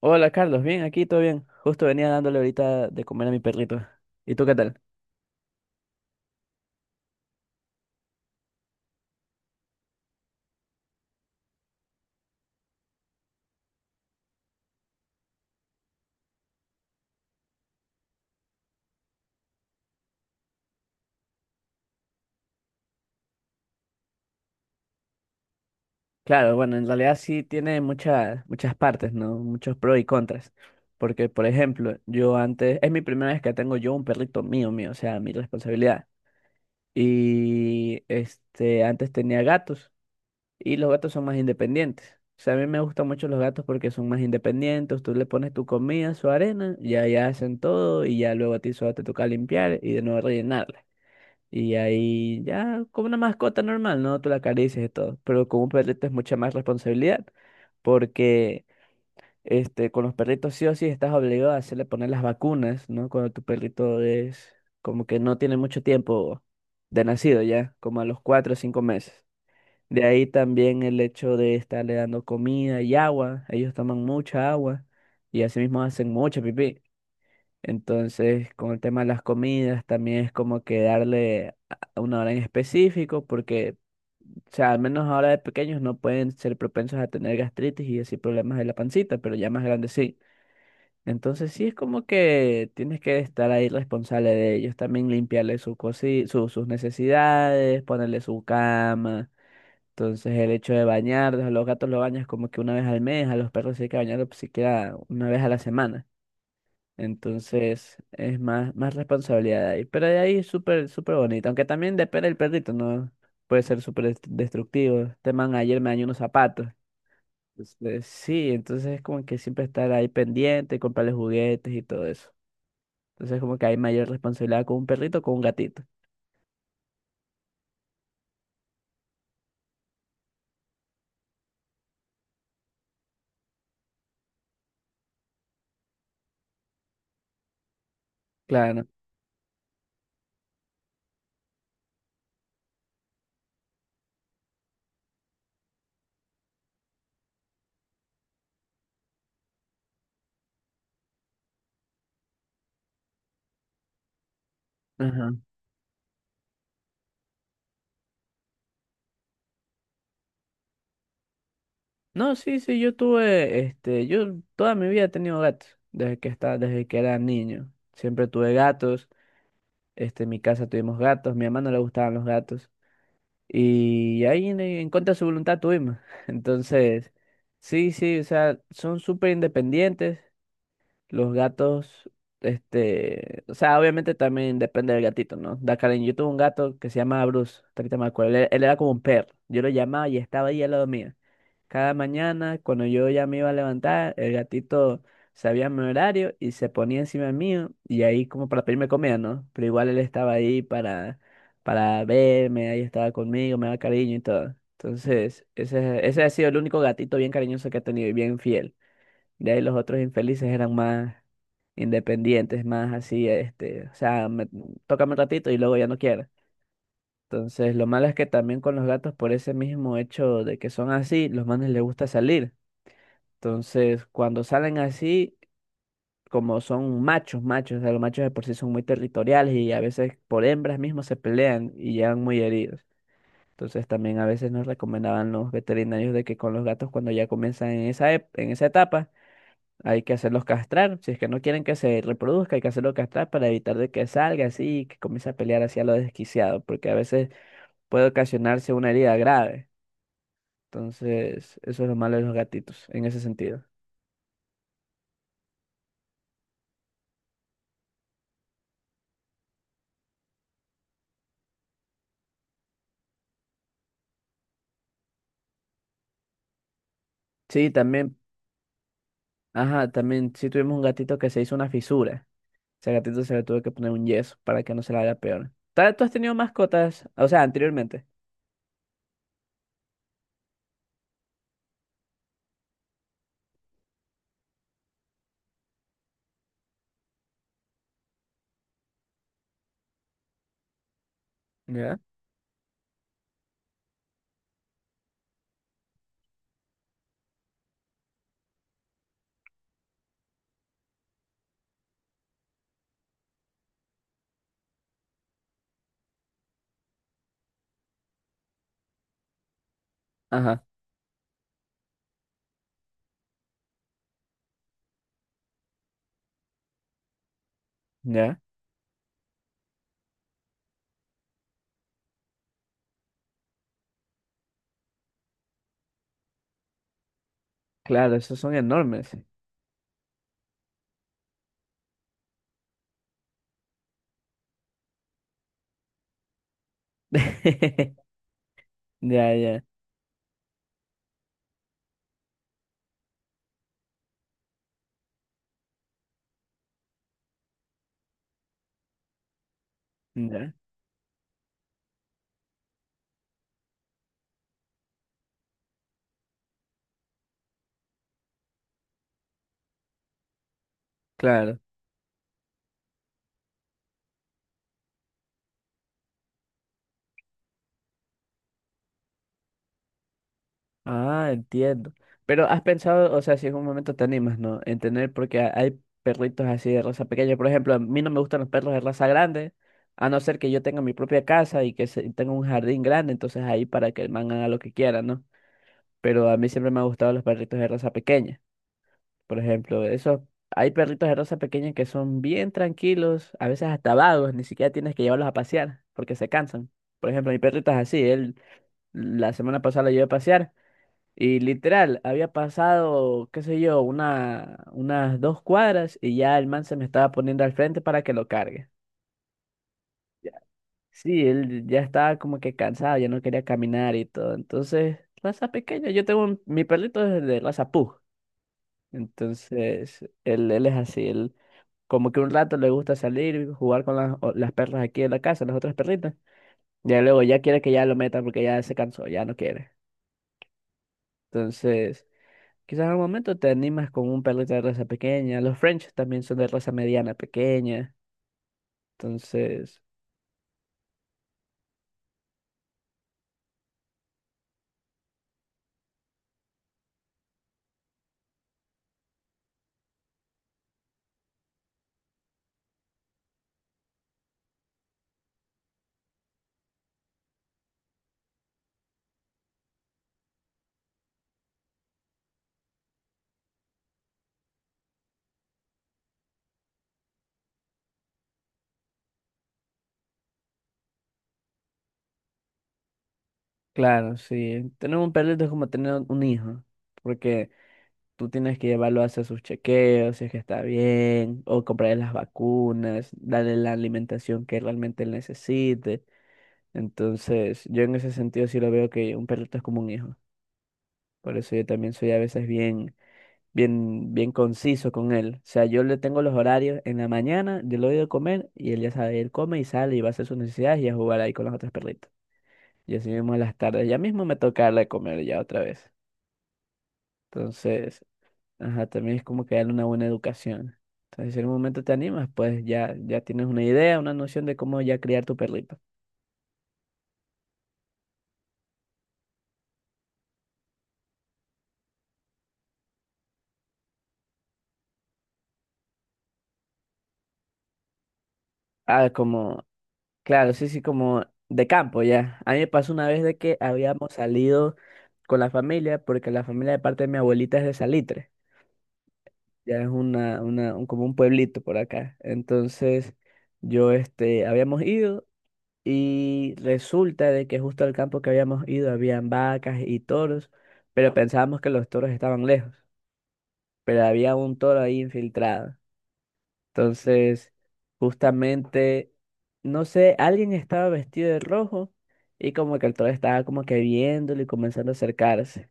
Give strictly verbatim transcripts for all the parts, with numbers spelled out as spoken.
Hola Carlos, bien, aquí todo bien. Justo venía dándole ahorita de comer a mi perrito. ¿Y tú qué tal? Claro, bueno, en realidad sí tiene muchas muchas partes, ¿no? Muchos pros y contras. Porque, por ejemplo, yo antes, es mi primera vez que tengo yo un perrito mío, mío, o sea, mi responsabilidad. Y este, antes tenía gatos y los gatos son más independientes. O sea, a mí me gustan mucho los gatos porque son más independientes. Tú le pones tu comida, su arena, ya ya hacen todo y ya luego a ti solo te toca limpiar y de nuevo rellenar. Y ahí ya como una mascota normal, ¿no? Tú la acaricias y todo. Pero con un perrito es mucha más responsabilidad. Porque este, con los perritos sí o sí estás obligado a hacerle poner las vacunas, ¿no? Cuando tu perrito es como que no tiene mucho tiempo de nacido ya, como a los cuatro o cinco meses. De ahí también el hecho de estarle dando comida y agua. Ellos toman mucha agua y asimismo hacen mucha pipí. Entonces, con el tema de las comidas, también es como que darle a- una hora en específico, porque, o sea, al menos ahora de pequeños no pueden ser propensos a tener gastritis y así problemas de la pancita, pero ya más grandes sí. Entonces, sí es como que tienes que estar ahí responsable de ellos, también limpiarle su cosi- su- sus necesidades, ponerle su cama. Entonces, el hecho de bañarlos, a los gatos los bañas como que una vez al mes, a los perros sí hay que bañarlos siquiera una vez a la semana. Entonces es más, más responsabilidad ahí. Pero de ahí es súper, súper bonito. Aunque también depende del perrito, ¿no? Puede ser súper dest- destructivo. Este man ayer me dañó unos zapatos. Entonces, sí, entonces es como que siempre estar ahí pendiente, comprarle juguetes y todo eso. Entonces como que hay mayor responsabilidad con un perrito o con un gatito. Claro. Ajá. No, sí, sí, yo tuve, este, yo toda mi vida he tenido gatos, desde que estaba, desde que era niño. Siempre tuve gatos, este, en mi casa tuvimos gatos, mi mamá no le gustaban los gatos. Y ahí en, en contra de su voluntad tuvimos. Entonces, sí, sí, o sea, son súper independientes. Los gatos, este, o sea, obviamente también depende del gatito, ¿no? Dakar, yo tuve un gato que se llama Bruce, hasta ahorita me acuerdo, él, él era como un perro, yo lo llamaba y estaba ahí al lado mío. Cada mañana, cuando yo ya me iba a levantar, el gatito sabía mi horario y se ponía encima mío y ahí como para pedirme comida, ¿no? Pero igual él estaba ahí para, para verme, ahí estaba conmigo, me daba cariño y todo. Entonces, ese, ese ha sido el único gatito bien cariñoso que he tenido y bien fiel. De ahí los otros infelices eran más independientes, más así, este, o sea, me, tócame un ratito y luego ya no quiero. Entonces, lo malo es que también con los gatos, por ese mismo hecho de que son así, los manes les gusta salir. Entonces, cuando salen así, como son machos, machos, o sea, los machos de por sí son muy territoriales y a veces por hembras mismos se pelean y llegan muy heridos. Entonces, también a veces nos recomendaban los veterinarios de que con los gatos, cuando ya comienzan en esa, ep- en esa etapa, hay que hacerlos castrar. Si es que no quieren que se reproduzca, hay que hacerlos castrar para evitar de que salga así y que comience a pelear hacia lo desquiciado, porque a veces puede ocasionarse una herida grave. Entonces, eso es lo malo de los gatitos, en ese sentido. Sí, también, ajá, también sí tuvimos un gatito que se hizo una fisura. Ese gatito se le tuvo que poner un yeso para que no se le haga peor. Ta- ¿Tú has tenido mascotas? O sea, anteriormente. ¿Ya? Ajá, ya. Claro, esos son enormes. Ya, ya, ya. Claro. Ah, entiendo. Pero has pensado, o sea, si en un momento te animas, ¿no? En tener, porque ha- hay perritos así de raza pequeña. Por ejemplo, a mí no me gustan los perros de raza grande, a no ser que yo tenga mi propia casa y que se- tenga un jardín grande, entonces ahí para que el man haga lo que quiera, ¿no? Pero a mí siempre me han gustado los perritos de raza pequeña. Por ejemplo, esos, hay perritos de raza pequeña que son bien tranquilos, a veces hasta vagos, ni siquiera tienes que llevarlos a pasear porque se cansan. Por ejemplo, mi perrito es así, él la semana pasada lo llevé a pasear. Y literal, había pasado, qué sé yo, una, unas dos cuadras y ya el man se me estaba poniendo al frente para que lo cargue. Ya. Sí, él ya estaba como que cansado, ya no quería caminar y todo. Entonces, raza pequeña, yo tengo un- mi perrito es de raza pug. Entonces, él, él es así, él como que un rato le gusta salir y jugar con las, o- las perras aquí en la casa, las otras perritas. Ya luego ya quiere que ya lo metan porque ya se cansó, ya no quiere. Entonces... Quizás en algún momento te animas con un perrito de raza pequeña. Los French también son de raza mediana pequeña. Entonces, claro, sí. Tener un perrito es como tener un un hijo. Porque tú tienes que llevarlo a hacer sus chequeos, si es que está bien, o comprarle las vacunas, darle la alimentación que realmente él necesite. Entonces, yo en ese sentido sí lo veo que un perrito es como un hijo. Por eso yo también soy a veces bien, bien, bien conciso con él. O sea, yo le tengo los horarios en la mañana, yo le doy de comer y él ya sabe, él come y sale y va a hacer sus necesidades y a jugar ahí con las otras perritas. Y así mismo en las tardes, ya mismo me toca darle de comer ya otra vez. Entonces, ajá, también es como que darle una buena educación. Entonces, si en un momento te animas, pues ya, ya tienes una idea, una noción de cómo ya criar tu perrito. Ah, como, claro, sí, sí, como de campo ya. A mí me pasó una vez de que habíamos salido con la familia, porque la familia de parte de mi abuelita es de Salitre. Ya es una, una, un- como un pueblito por acá. Entonces, yo, este, habíamos ido y resulta de que justo al campo que habíamos ido habían vacas y toros, pero pensábamos que los toros estaban lejos, pero había un toro ahí infiltrado. Entonces, justamente, no sé, alguien estaba vestido de rojo y como que el toro estaba como que viéndolo y comenzando a acercarse.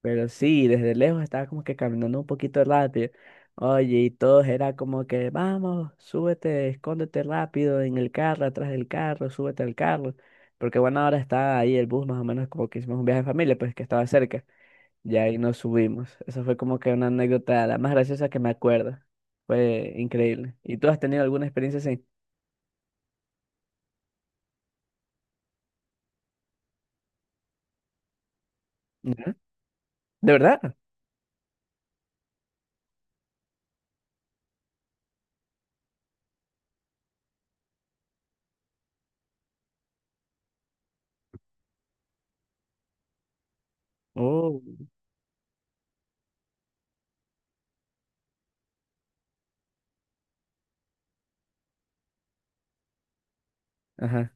Pero sí, desde lejos estaba como que caminando un poquito rápido. Oye, y todos era como que, vamos, súbete, escóndete rápido en el carro, atrás del carro, súbete al carro. Porque bueno, ahora está ahí el bus, más o menos como que hicimos un viaje en familia, pues que estaba cerca. Y ahí nos subimos. Eso fue como que una anécdota la más graciosa que me acuerdo. Fue increíble. ¿Y tú has tenido alguna experiencia así? Ujú. ¿De verdad? Oh, ajá.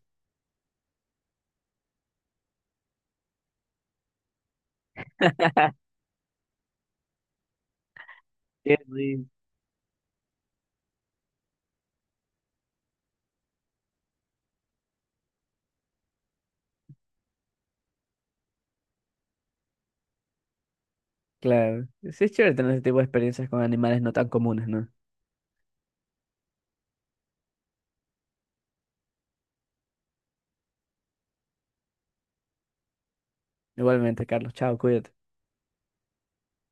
Qué rico. Claro. Sí es chévere tener ese tipo de experiencias con animales no tan comunes, ¿no? Igualmente, Carlos. Chao, cuídate.